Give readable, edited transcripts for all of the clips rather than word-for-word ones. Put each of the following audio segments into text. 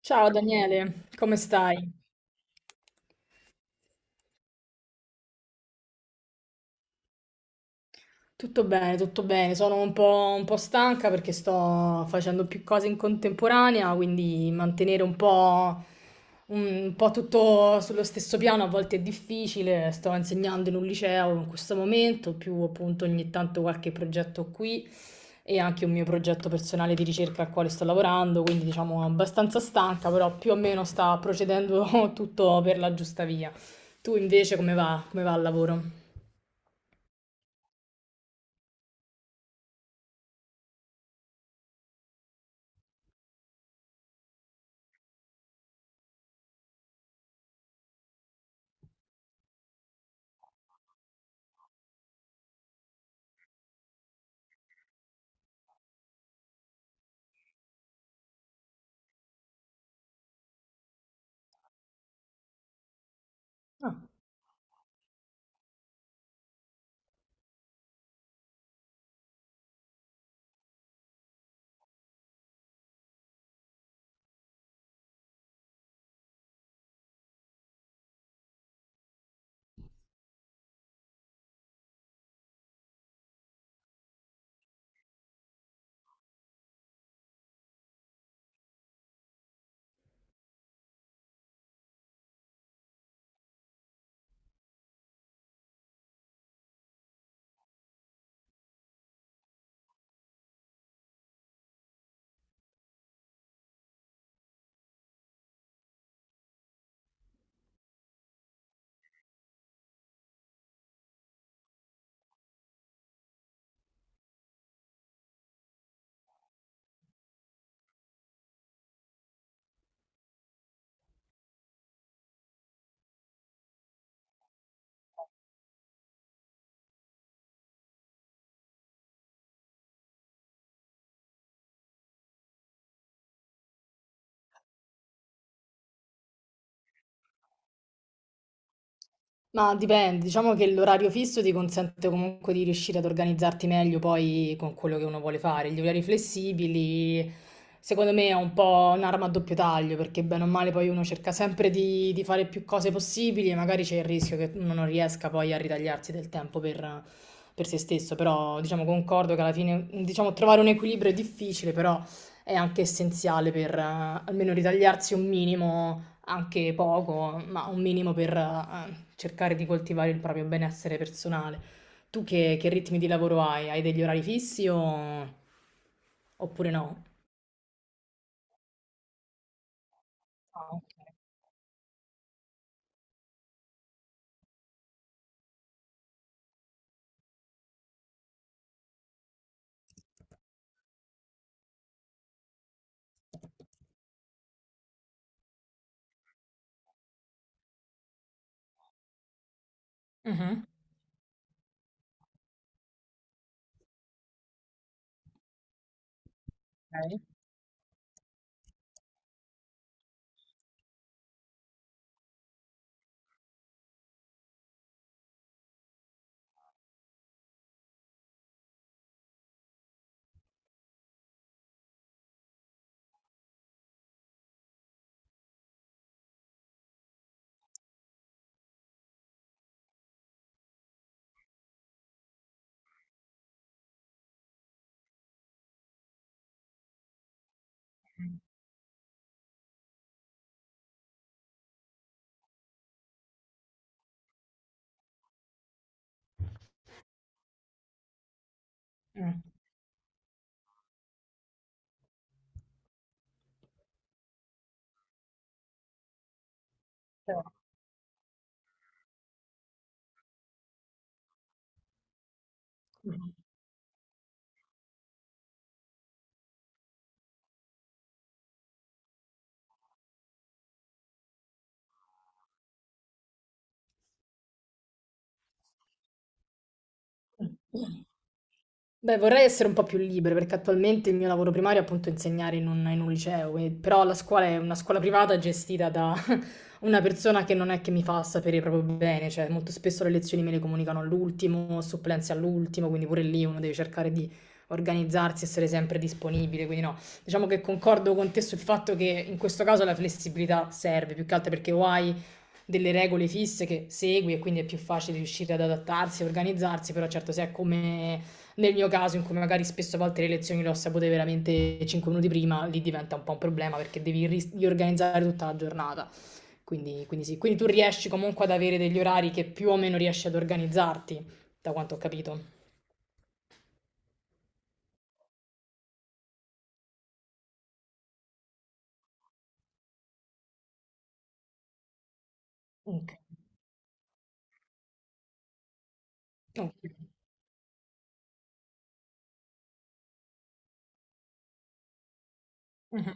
Ciao Daniele, come stai? Tutto bene, tutto bene. Sono un po' stanca perché sto facendo più cose in contemporanea, quindi mantenere un po' tutto sullo stesso piano a volte è difficile. Sto insegnando in un liceo in questo momento, più appunto ogni tanto qualche progetto qui, e anche un mio progetto personale di ricerca al quale sto lavorando, quindi diciamo abbastanza stanca, però più o meno sta procedendo tutto per la giusta via. Tu invece come va? Come va al lavoro? Ah, ma dipende, diciamo che l'orario fisso ti consente comunque di riuscire ad organizzarti meglio poi con quello che uno vuole fare. Gli orari flessibili, secondo me, è un po' un'arma a doppio taglio, perché bene o male poi uno cerca sempre di fare più cose possibili e magari c'è il rischio che uno non riesca poi a ritagliarsi del tempo per se stesso. Però, diciamo, concordo che alla fine, diciamo, trovare un equilibrio è difficile, però è anche essenziale per almeno ritagliarsi un minimo anche poco, ma un minimo per cercare di coltivare il proprio benessere personale. Tu che ritmi di lavoro hai? Hai degli orari fissi oppure no? Ah, ok. Mhm. Ok. Mm. Però- Mm. Beh, vorrei essere un po' più libera, perché attualmente il mio lavoro primario è appunto insegnare in un liceo, e però la scuola è una scuola privata gestita da una persona che non è che mi fa sapere proprio bene, cioè molto spesso le lezioni me le comunicano all'ultimo, supplenze all'ultimo, quindi pure lì uno deve cercare di organizzarsi, essere sempre disponibile, quindi no. Diciamo che concordo con te sul fatto che in questo caso la flessibilità serve, più che altro perché o hai delle regole fisse che segui e quindi è più facile riuscire ad adattarsi, organizzarsi, però certo se è come nel mio caso in cui magari spesso a volte le lezioni le ho sapute veramente 5 minuti prima, lì diventa un po' un problema perché devi riorganizzare tutta la giornata. Quindi, quindi sì, tu riesci comunque ad avere degli orari che più o meno riesci ad organizzarti, da quanto ho capito. Ok. Ok. Mhm.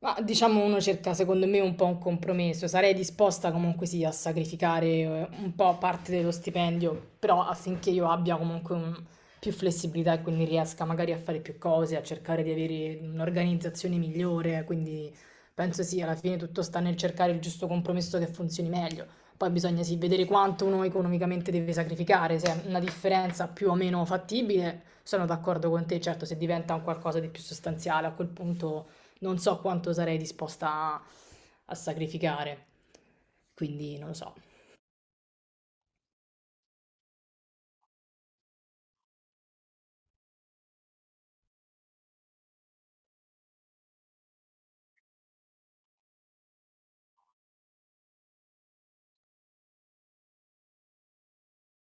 Ma diciamo uno cerca secondo me un po' un compromesso, sarei disposta comunque sì a sacrificare un po' parte dello stipendio, però affinché io abbia comunque un- più flessibilità e quindi riesca magari a fare più cose, a cercare di avere un'organizzazione migliore, quindi penso sì, alla fine tutto sta nel cercare il giusto compromesso che funzioni meglio. Poi bisogna sì vedere quanto uno economicamente deve sacrificare, se è una differenza più o meno fattibile, sono d'accordo con te, certo se diventa un qualcosa di più sostanziale a quel punto non so quanto sarei disposta a, a sacrificare, quindi non lo so.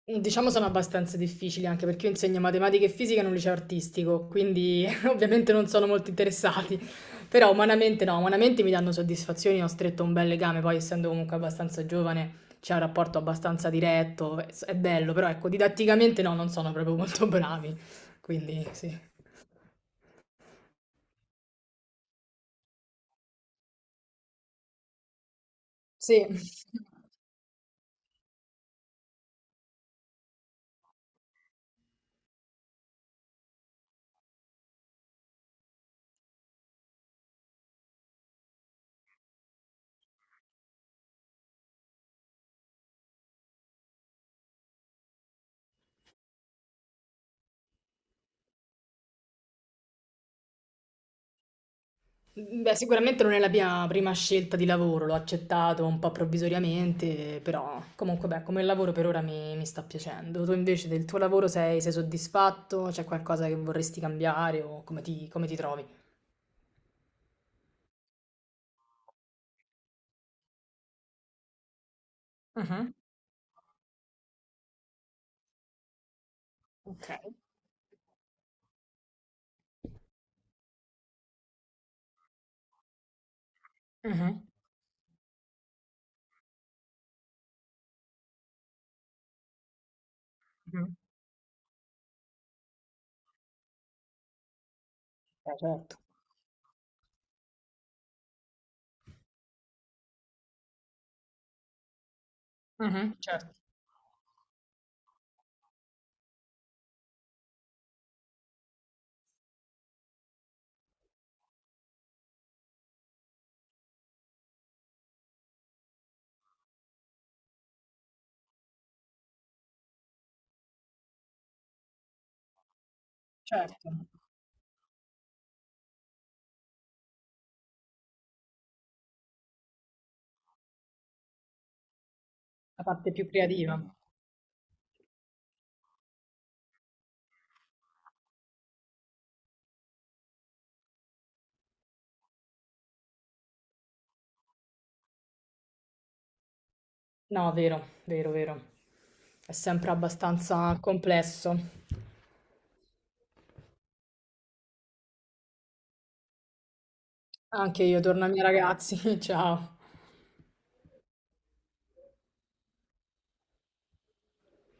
Diciamo sono abbastanza difficili anche perché io insegno matematica e fisica in un liceo artistico, quindi ovviamente non sono molto interessati, però umanamente no, umanamente mi danno soddisfazioni, ho stretto un bel legame, poi essendo comunque abbastanza giovane c'è un rapporto abbastanza diretto, è bello, però ecco, didatticamente no, non sono proprio molto bravi, quindi sì. Sì. Beh, sicuramente non è la mia prima scelta di lavoro, l'ho accettato un po' provvisoriamente, però comunque beh, come lavoro per ora mi sta piacendo. Tu invece del tuo lavoro sei soddisfatto? C'è qualcosa che vorresti cambiare o come ti trovi? Mhm. Ok. Mhm. Mhm. Certo. Mhm. Certo, certo, la parte più creativa. No, vero, vero, vero. È sempre abbastanza complesso. Anche io torno ai miei ragazzi, ciao.